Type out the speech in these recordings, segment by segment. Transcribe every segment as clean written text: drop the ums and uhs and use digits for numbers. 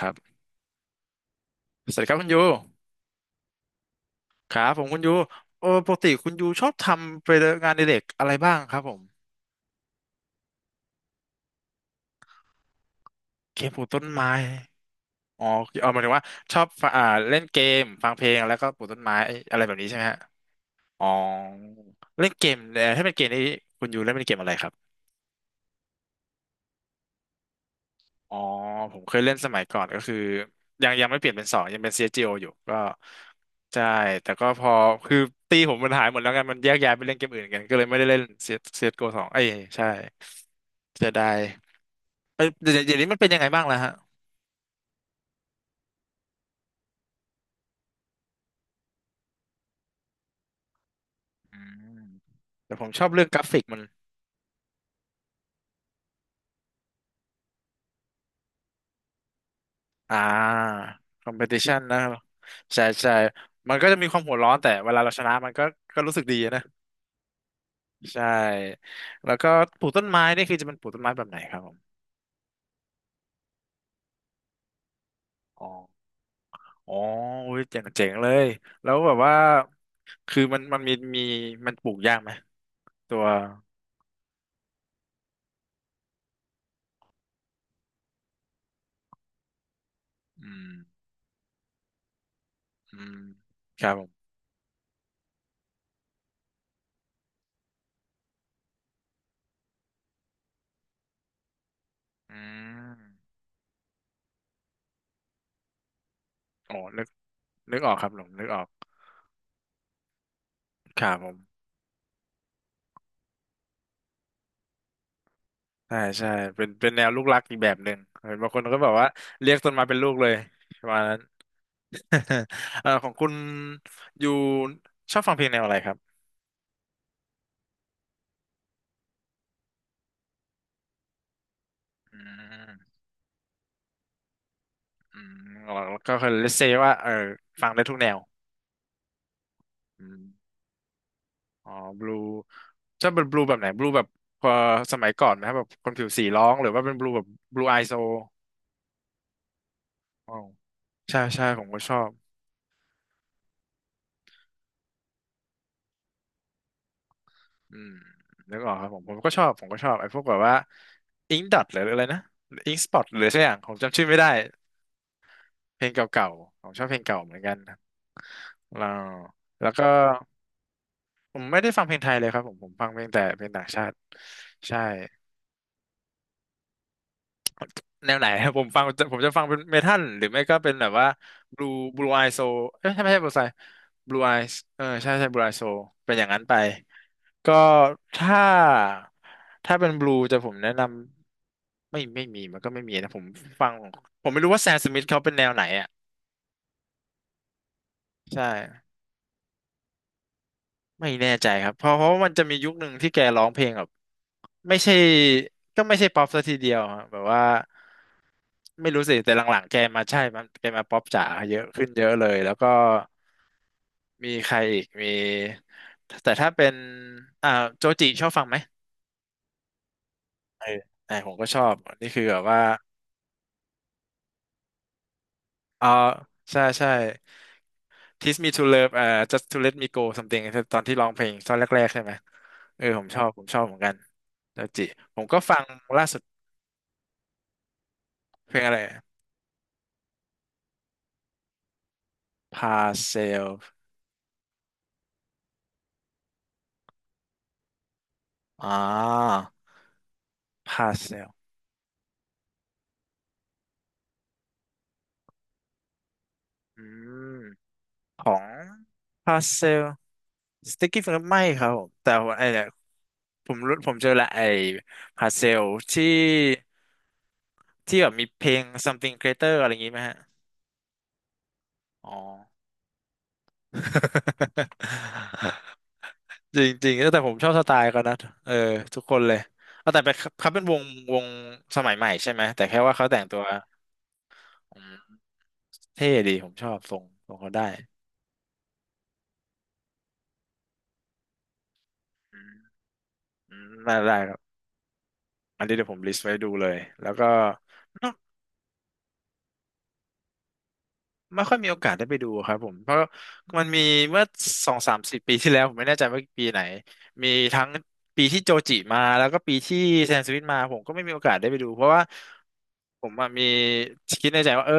ครับสวัสดีครับคุณยูครับผมคุณยูปกติคุณยูชอบทำไปงานอดิเรกอะไรบ้างครับผมเกมปลูกต้นไม้อ๋อเอาหมายถึงว่าชอบฟังเล่นเกมฟังเพลงแล้วก็ปลูกต้นไม้อะไรแบบนี้ใช่ไหมฮะอ๋อเล่นเกมถ้าเป็นเกมนี้คุณยูเล่นเป็นเกมอะไรครับ อ๋อผมเคยเล่นสมัยก่อนก็คือยังไม่เปลี่ยนเป็นสองยังเป็น CSGO อสจีโออยู่ก็ใช่แต่ก็พอคือตีผมมันหายหมดแล้วกันมันแยกย้ายไปเล่นเกมอื่นกันก็เลยไม่ได้เล่น CSGO สจีโอสองเอ้ยใช่เสียดายเอ้ยเดี๋ยวนี้มันเป็นยังไงบ้างล่ะฮะอืมแต่ผมชอบเรื่องกราฟิกมันอ่า competition นะครับใช่ใช่มันก็จะมีความหัวร้อนแต่เวลาเราชนะมันก็ก็รู้สึกดีนะใช่แล้วก็ปลูกต้นไม้นี่คือจะเป็นปลูกต้นไม้แบบไหนครับผมอ๋อ อ๋ออุ้ยเจ๋งเจ๋งเลยแล้วแบบว่าคือมันมีมันปลูกยากไหมตัวอืมอืมครับผมอืมอ๋อนึกออกครับผมนึกออกครับผมใช่ใช่เป็นเป็นแนวลูกรักอีกแบบหนึ่งเห็นบางคนก็แบบว่าเรียกต้นไม้เป็นลูกเลยประมาณนั้น ของคุณอยู่ชอบฟังเพลงแนวอะไรครับอืมอืมแล้วก็คือเลสเซว่าเออฟังได้ทุกแนวอืม อ๋อบลูชอบเป็นบลูแบบไหนบลูแบบพอสมัยก่อนไหมครับแบบคนผิวสีร้องหรือว่าเป็นบลูแบบบลูไอโซอ๋อใช่ใช่ผมก็ชอบอืมนึกออกครับผมผมก็ชอบไอ้พวกแบบว่าอิงดอทหรืออะไรนะอิงสปอตหรือสักอย่างผมจำชื่อไม่ได้เพลงเก่าๆผมชอบเพลงเก่าเหมือนกันครับแล้วแล้วก็ผมไม่ได้ฟังเพลงไทยเลยครับผมผมฟังเพลงแต่เพลงต่างชาติใช่ แนวไหนครับ ผมฟังผมจะฟังเป็นเมทัลหรือไม่ก็เป็นแบบว่าบลูบลูไอโซเอ้ยใช่ไม่ใช่บลูไซบลูไอเออใช่ใช่บลูไอโซเป็นอย่างนั้นไปก็ถ้าถ้าเป็นบลูจะผมแนะนำไม่มีมันก็ไม่มีนะผมฟังผมไม่รู้ว่าแซมสมิธเขาเป็นแนวไหนอ่ะใช่ไม่แน่ใจครับเพราะว่ามันจะมียุคหนึ่งที่แกร้องเพลงแบบไม่ใช่ก็ไม่ใช่ป๊อปซะทีเดียวอะแบบว่า ไม่รู้สิแต่หลังๆแกมาใช่มันแกมาป๊อปจ๋าเยอะขึ้นเยอะเลยแล้วก็มีใครอีกมีแต่ถ้าเป็นอ่าโจจิชอบฟังไหมเออไออผมก็ชอบนนี่คือแบบว่าอ๋อใช่ใช่ Teach me to love just to let me go something ตอนที่ร้องเพลงตอนแรกๆใช่ไหมเออผมชอบผมชอบเหมือนกันโจจิผมก็ฟังล่าสุดเพลงอะไร Parcel อ่า Parcel อืม ของพาเซลสติ๊กกี้ฟิงเกอร์ไม่ครับผมแต่ว่าไอ้เนี่ยผมรู้ผมเจอละไอ้พาเซลที่ที่แบบมีเพลง something greater อะไรอย่างงี้ไหมฮะอ๋อ จริงๆแต่ผมชอบสไตล์เขานะเออทุกคนเลยเอาแต่เป็นเขาเป็นวงวงสมัยใหม่ใช่ไหมแต่แค่ว่าเขาแต่งตัวอืมเท่ดีผมชอบทรงเขาได้อืมอืมได้ได้ครับอันนี้เดี๋ยวผมลิสต์ไว้ดูเลยแล้วก็ ไม่ค่อยมีโอกาสได้ไปดูครับผมเพราะมันมีเมื่อสองสามสิบปีที่แล้วผมไม่แน่ใจว่าปีไหนมีทั้งปีที่โจจิมาแล้วก็ปีที่แซมสมิธมาผมก็ไม่มีโอกาสได้ไปดูเพราะว่าผมอะมีคิดในใจว่าเออ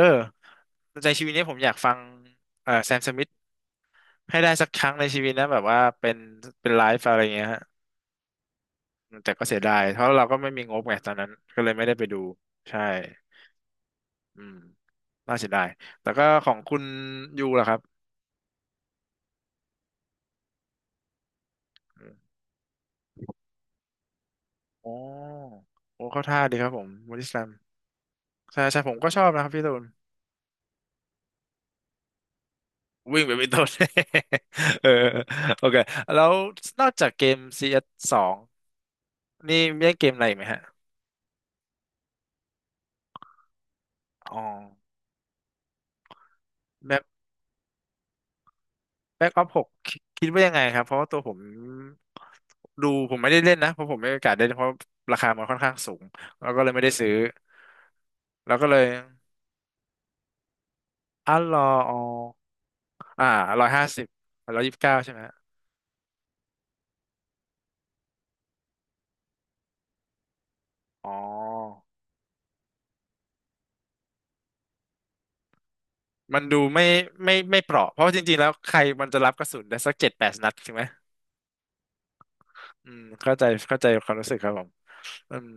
ในชีวิตนี้ผมอยากฟังแซมสมิธให้ได้สักครั้งในชีวิตนะแบบว่าเป็นเป็นไลฟ์อะไรเงี้ยฮะแต่ก็เสียดายเพราะเราก็ไม่มีงบไงตอนนั้นก็เลยไม่ได้ไปดูใช่อืมน่าเสียดายแต่ก็ของคุณยูล่ะครับ อ๋อโอ้เข้าท่าดีครับผมบอดี้สแลมใช่ใช่ผมก็ชอบนะครับพี่ตูนวิ่งไปเป็นต้น เออโอเคแล้วนอกจากเกม CS สสองนี่มีเล่นเกมอะไรอีกไหมฮะอ๋อแบ็คแบ็คออฟหกคิดว่ายังไงครับเพราะว่าตัวผมดูผมไม่ได้เล่นนะเพราะผมไม่มีโอกาสได้เล่นเพราะราคามันค่อนข้างสูงแล้วก็เลยไม่ได้ซื้อแล้วก็เลยอ่ะรออ๋ออ่า150129ใช่ไหมฮะอ๋อ มันดูไม่เปราะเพราะจริงๆแล้วใครมันจะรับกระสุนได้สักเจ็ดแปดนัดถูกไหมอืมเข้าใจความรู้สึกครับผมอืม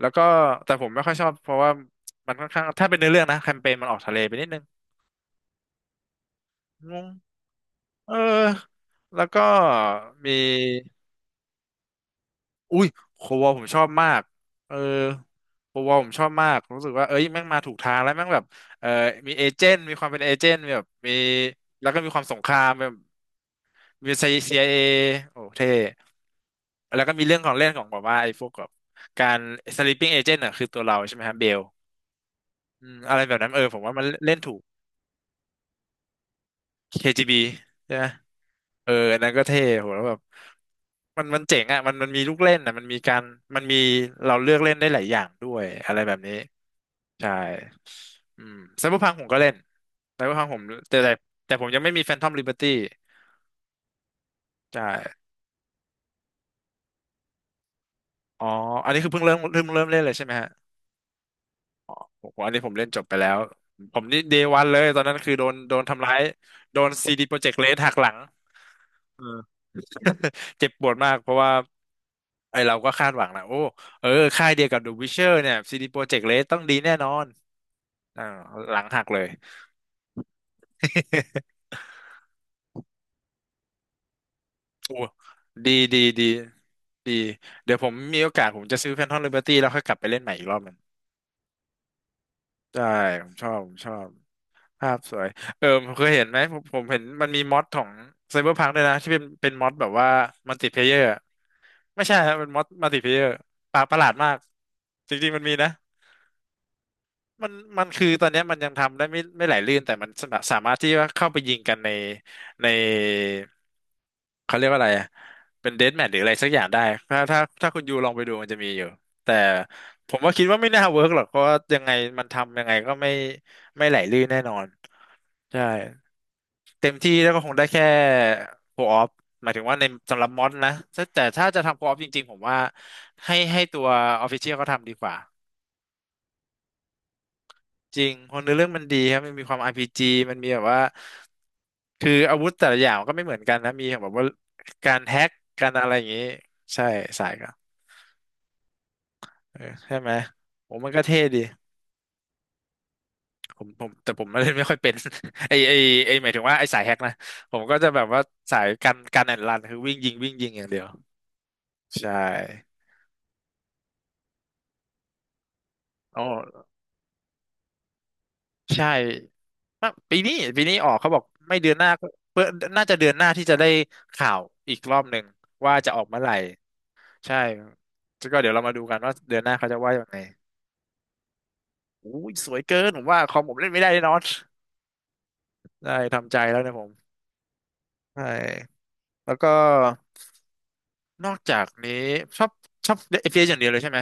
แล้วก็แต่ผมไม่ค่อยชอบเพราะว่ามันค่อนข้างถ้าเป็นเนื้อเรื่องนะแคมเปญมันออกทะเลไปนิดนึงงงเออแล้วก็มีอุ้ยโควอลผมชอบมากเออโควอลผมชอบมากรู้สึกว่าเอ้ยแม่งมาถูกทางแล้วแม่งแบบเออมีเอเจนต์มีความเป็นเอเจนต์มีแบบมีแล้วก็มีความสงครามแบบมีซีไอ โอ้เท่ แล้วก็มีเรื่องของเล่นของแบบว่าไอ้พวกแบบการ sleeping agent อ่ะคือตัวเราใช่ไหมฮะเบลอืมอะไรแบบนั้นเออผมว่ามันเล่นถูก KGB ใช่ไหมเอออันนั้นก็เท่โหแล้วแบบมันเจ๋งอ่ะมันมีลูกเล่นอ่ะมันมีการมันมีเราเลือกเล่นได้หลายอย่างด้วยอะไรแบบนี้ใช่อืมไซเบอร์พังผมก็เล่นไซเบอร์พังผมแต่แต่แต่ผมยังไม่มีแฟนทอมลิเบอร์ตี้ใช่อ๋ออันนี้คือเพิ่งเริ่มเล่นเลยใช่ไหมฮะ ผมอันนี้ผมเล่นจบไปแล้ว ผมนี่เดวันเลยตอนนั้นคือโดนทำร้าย โดนซีดีโปรเจกต์เลหักหลังเออเจ็บปวดมากเพราะว่าไอเราก็คาดหวังนะโอ้ เออค่ายเดียวกับ The Witcher เนี่ย CD Projekt Red ตเลต้องดีแน่นอนอ่าวหลังหักเลย โอ้ดีดีดีดี เดี๋ยวผมมีโอกาสผมจะซื้อ Phantom Liberty แล้วค่อยกลับไปเล่นใหม่อีกรอบหนึงได้ผมชอบภาพสวย เออผมเคยเห็นไหมผมเห็นมันมีมอดของ Cyberpunk ด้วยนะที่เป็นมอดแบบว่ามัลติเพลเยอร์ ไม่ใช่ครับเป็นมอสมัลติเพลเยอร์ปาประหลาดมากจริงๆมันมีนะมันมันคือตอนเนี้ยมันยังทำได้ไม่ไม่ไหลลื่นแต่มันสาสามารถที่ว่าเข้าไปยิงกันในในเขาเรียกว่าอะไรอะเป็นเดธแมทหรืออะไรสักอย่างได้ถ้าคุณยูลองไปดูมันจะมีอยู่แต่ผมว่าคิดว่าไม่น่าเวิร์กหรอกเพราะว่ายังไงมันทำยังไงก็ไม่ไม่ไหลลื่นแน่นอนใช่ เต็มที่แล้วก็คงได้แค่โคออฟหมายถึงว่าในสำหรับมอดนะแต่แต่ถ้าจะทำโคออฟจริงๆผมว่าให้ตัวออฟฟิเชียลเขาทำดีกว่าจริงคนเนื้อเรื่องมันดีครับมันมีความ RPG มันมีแบบว่าคืออาวุธแต่ละอย่างก็ไม่เหมือนกันนะมีแบบว่าการแฮ็กการอะไรอย่างนี้ใช่สายก็เออใช่ไหมผมมันก็เท่ดีผมผมแต่ผมไม่ได้ไม่ค่อยเป็น ไอไอไอหมายถึงว่าไอสายแฮ็กนะผมก็จะแบบว่าสายการแอนรันคือวิ่งยิงวิ่งยิงอย่างเดียวใช่อ๋อ ใช่อะปีนี้ออกเขาบอกไม่เดือนหน้าก็เพื่อน่าจะเดือนหน้าที่จะได้ข่าวอีกรอบหนึ่งว่าจะออกเมื่อไหร่ใช่ก็เดี๋ยวเรามาดูกันว่าเดือนหน้าเขาจะว่ายังไงอุ้ยสวยเกินผมว่าคอมผมเล่นไม่ได้แน่นอนได้ทำใจแล้วเนะผมใช่แล้วก็นอกจากนี้ชอบชอบ FPS อฟพีเอสอย่างเดียวเลยใช่ไหม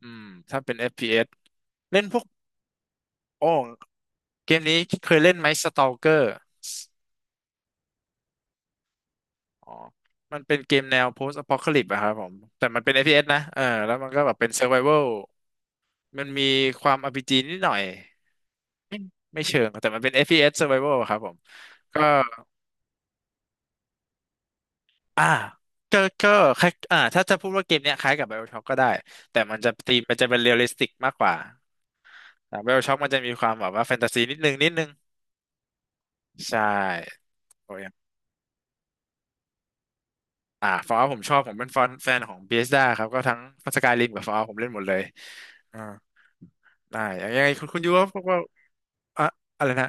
อืมถ้าเป็น FPS เอสเล่นพวกโอ้เกมนี้เคยเล่นไหม Stalker อ๋อมันเป็นเกมแนว post apocalypse อะครับผมแต่มันเป็น FPS นะเออแล้วมันก็แบบเป็น survival มันมีความ RPG นิดหน่อย ไม่ไม่เชิง แต่มันเป็น FPS survival อะครับผมก็อ่าก็ก็คล้ายอ่าถ้าจะพูดว่าเกมเนี้ยคล้ายกับ BioShock ก็ได้ แต่มันจะตีมมันจะเป็นเรียลลิสติกมากกว่าอ่ BioShock มันจะมีความแบบว่าแฟนตาซีนิดนึงนิดนึงใช่โอ้ยอ่าฟอร์ผมชอบ ผมเป็นแฟนของ Bethesda ครับ ก็ทั้งสกายริมกับฟอร์ผมเล่นหมดเลยอ่าได้ยังไงคุณยูว่าพวกว่า อะอะไรนะ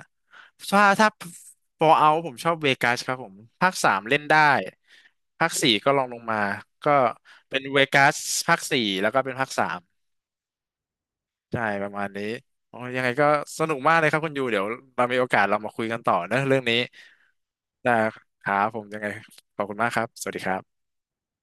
ถ้าถ้า Fall Out ผมชอบเวกัสครับผมภาคสามเล่นได้ภาคสี่ก็ลองลงมาก็เป็นเวกัสภาคสี่แล้วก็เป็นภาคสามใช่ประมาณนี้โอ้ยยังไงก็สนุกมากเลยครับคุณยูเดี๋ยวเรามีโอกาสเรามาคุยกันต่อนะเรื่องนี้นะครับผมยังไงขอบคุณมากครับสวัสดีครับ